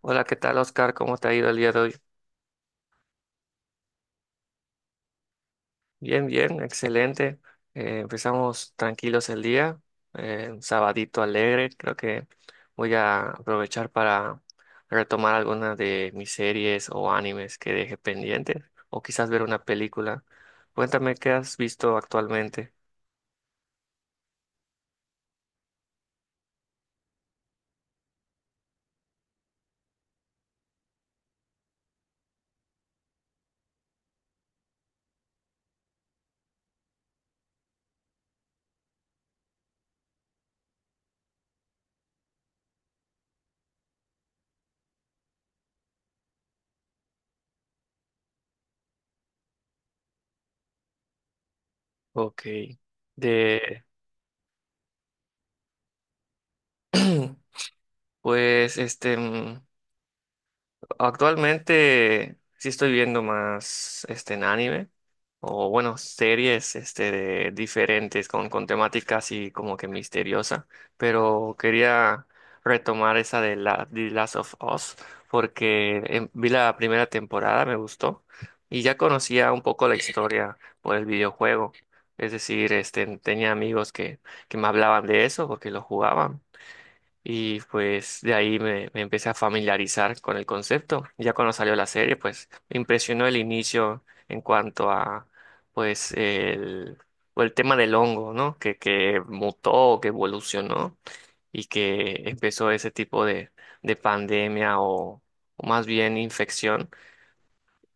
Hola, ¿qué tal, Oscar? ¿Cómo te ha ido el día de hoy? Bien, bien, excelente. Empezamos tranquilos el día, un sabadito alegre. Creo que voy a aprovechar para retomar algunas de mis series o animes que dejé pendientes, o quizás ver una película. Cuéntame qué has visto actualmente. Ok. De, pues, este. mm, Actualmente sí estoy viendo más este en anime o bueno, series diferentes con temática así como que misteriosa, pero quería retomar esa de la The Last of Us porque vi la primera temporada, me gustó y ya conocía un poco la historia por el videojuego. Es decir, este tenía amigos que me hablaban de eso porque lo jugaban. Y pues de ahí me empecé a familiarizar con el concepto. Ya cuando salió la serie, pues me impresionó el inicio en cuanto a pues el, o el tema del hongo, ¿no? Que mutó, que evolucionó y que empezó ese tipo de pandemia o más bien infección.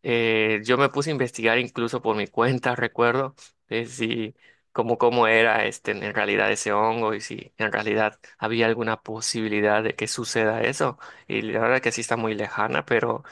Yo me puse a investigar incluso por mi cuenta, recuerdo, de si cómo era este en realidad ese hongo y si en realidad había alguna posibilidad de que suceda eso. Y la verdad que sí está muy lejana, pero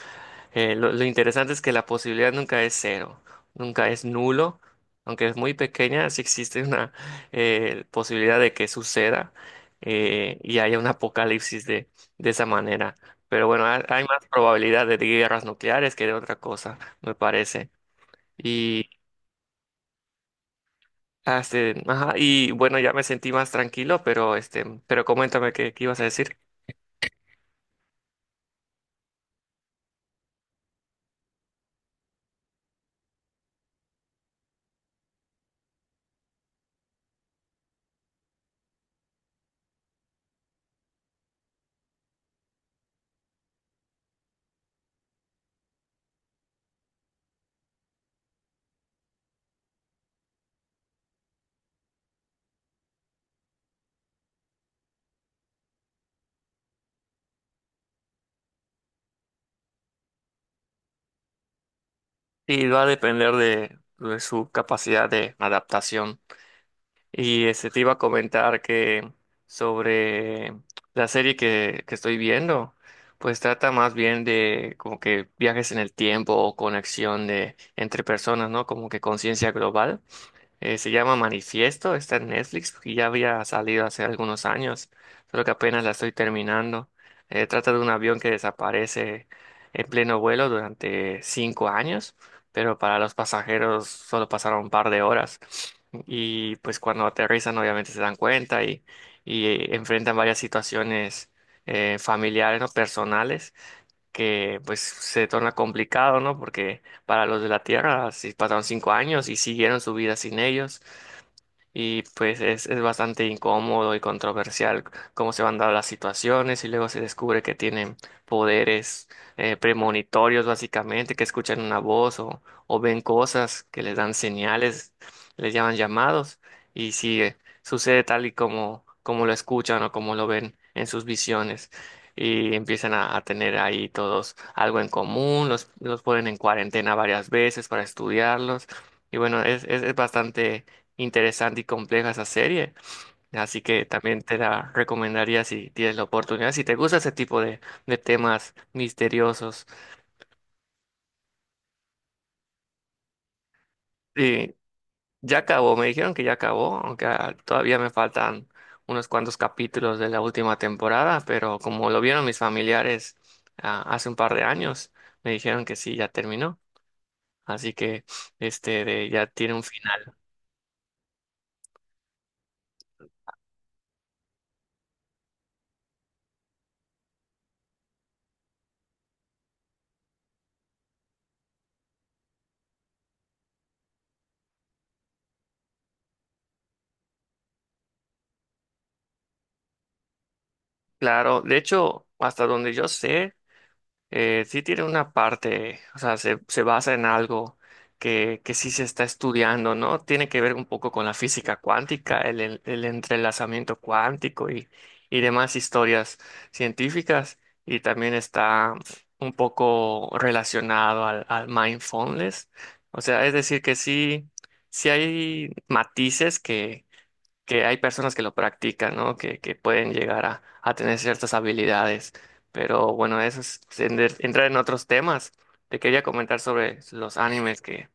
lo interesante es que la posibilidad nunca es cero, nunca es nulo, aunque es muy pequeña, sí existe una posibilidad de que suceda, y haya un apocalipsis de esa manera. Pero bueno, hay más probabilidad de guerras nucleares que de otra cosa, me parece. Y, ajá, y bueno, ya me sentí más tranquilo, pero, este, pero coméntame qué ibas a decir. Y va a depender de su capacidad de adaptación. Y este, te iba a comentar que sobre la serie que estoy viendo, pues trata más bien de como que viajes en el tiempo o conexión de entre personas, ¿no? Como que conciencia global. Se llama Manifiesto, está en Netflix y ya había salido hace algunos años, solo que apenas la estoy terminando. Trata de un avión que desaparece en pleno vuelo durante 5 años, pero para los pasajeros solo pasaron un par de horas. Y pues cuando aterrizan obviamente se dan cuenta y enfrentan varias situaciones familiares, ¿no? Personales, que pues se torna complicado, ¿no? Porque para los de la Tierra, si pasaron 5 años y siguieron su vida sin ellos. Y pues es bastante incómodo y controversial cómo se van dando las situaciones y luego se descubre que tienen poderes premonitorios básicamente, que escuchan una voz o ven cosas que les dan señales, les llaman llamados y si sucede tal y como, como lo escuchan o como lo ven en sus visiones y empiezan a tener ahí todos algo en común, los ponen en cuarentena varias veces para estudiarlos y bueno, es bastante interesante y compleja esa serie. Así que también te la recomendaría si tienes la oportunidad, si te gusta ese tipo de temas misteriosos. Y ya acabó, me dijeron que ya acabó, aunque todavía me faltan unos cuantos capítulos de la última temporada, pero como lo vieron mis familiares hace un par de años, me dijeron que sí, ya terminó. Así que ya tiene un final. Claro, de hecho, hasta donde yo sé. Sí tiene una parte, o sea, se basa en algo que sí se está estudiando, ¿no? Tiene que ver un poco con la física cuántica, el entrelazamiento cuántico y demás historias científicas. Y también está un poco relacionado al mindfulness. O sea, es decir, sí hay matices que hay personas que lo practican, ¿no? Que pueden llegar a tener ciertas habilidades. Pero bueno, eso es entrar en otros temas. Te quería comentar sobre los animes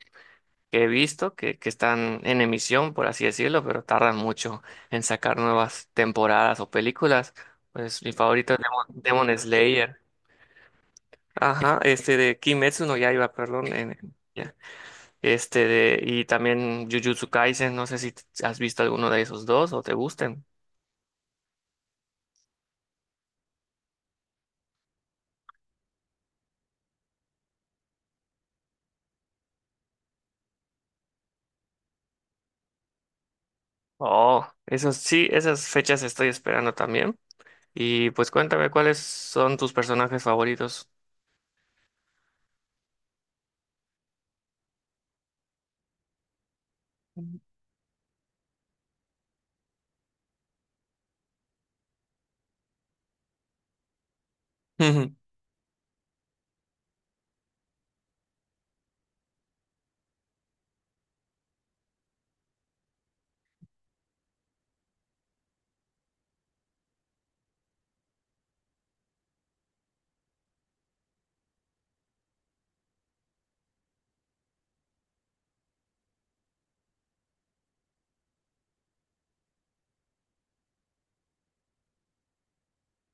que he visto, que están en emisión, por así decirlo, pero tardan mucho en sacar nuevas temporadas o películas. Pues mi favorito es Demon Slayer. Ajá, este de Kimetsu no Yaiba, perdón. Ya. Este de, y también Jujutsu Kaisen, no sé si has visto alguno de esos dos o te gusten. Oh, esas sí, esas fechas estoy esperando también. Y pues cuéntame cuáles son tus personajes favoritos. Ujú.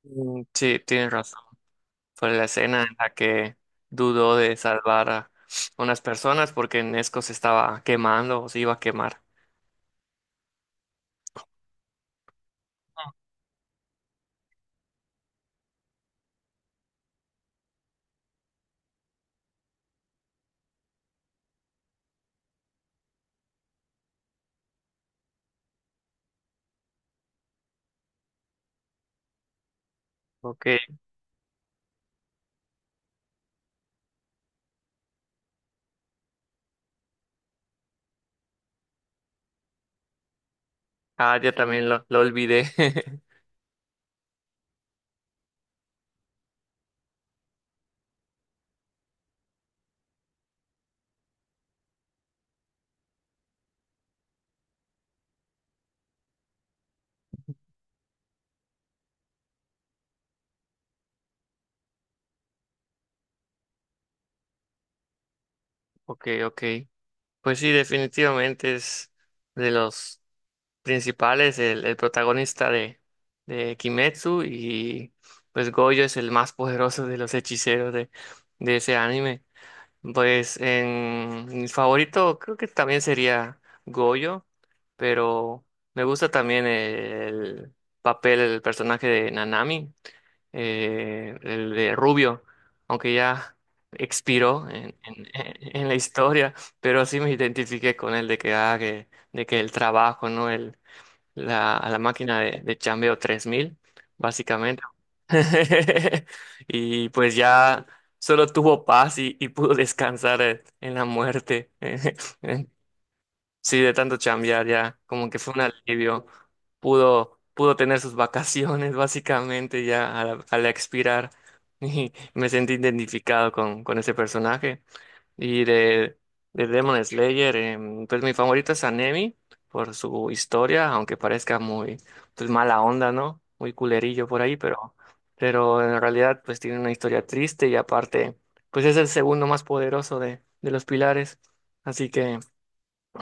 Mm, sí, tienes razón. Fue la escena en la que dudó de salvar a unas personas porque Nesco se estaba quemando o se iba a quemar. Ok. Ah, ya también lo olvidé. Ok, ok. Pues sí, definitivamente es de los. Principales, el protagonista de Kimetsu y pues Gojo es el más poderoso de los hechiceros de ese anime. Pues en mi favorito creo que también sería Gojo, pero me gusta también el papel, el personaje de Nanami, el de Rubio, aunque ya expiró en la historia, pero sí me identifiqué con él de que, de que el trabajo, ¿no? A la máquina de chambeo 3.000 básicamente. Y pues ya solo tuvo paz y pudo descansar en la muerte. Sí, de tanto chambear ya, como que fue un alivio. Pudo, pudo tener sus vacaciones, básicamente, ya al expirar. Y me sentí identificado con ese personaje. Y de Demon Slayer, pues mi favorito es Anemi por su historia, aunque parezca muy pues, mala onda, ¿no? Muy culerillo por ahí, pero en realidad pues tiene una historia triste y aparte pues es el segundo más poderoso de los pilares. Así que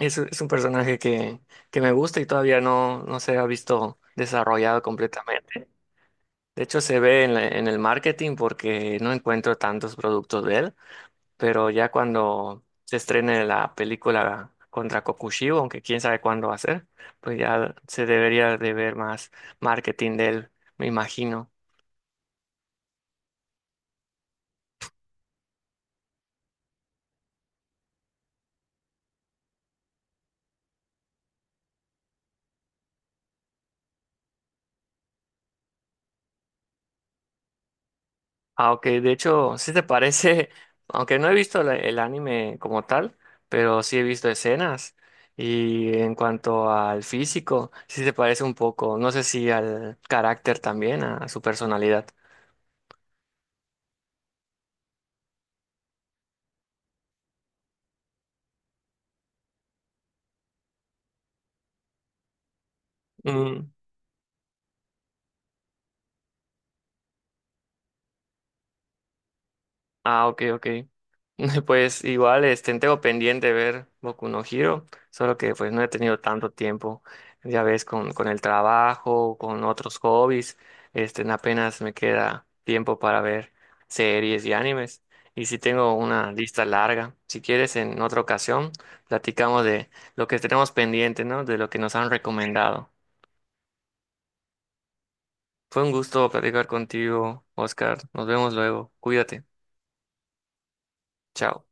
es un personaje que me gusta y todavía no se ha visto desarrollado completamente. De hecho, se ve en en el marketing porque no encuentro tantos productos de él, pero ya cuando se estrene la película contra Kokushibo, aunque quién sabe cuándo va a ser, pues ya se debería de ver más marketing de él, me imagino. Aunque de hecho, sí te parece, aunque no he visto el anime como tal, pero sí he visto escenas. Y en cuanto al físico, sí se parece un poco, no sé si al carácter también, a su personalidad. Mm. Ah, ok, ok. Pues igual, este, tengo pendiente de ver Boku no Hero, solo que pues no he tenido tanto tiempo, ya ves, con el trabajo, con otros hobbies, este, apenas me queda tiempo para ver series y animes, y sí tengo una lista larga. Si quieres, en otra ocasión, platicamos de lo que tenemos pendiente, ¿no? De lo que nos han recomendado. Fue un gusto platicar contigo, Oscar. Nos vemos luego. Cuídate. Chao.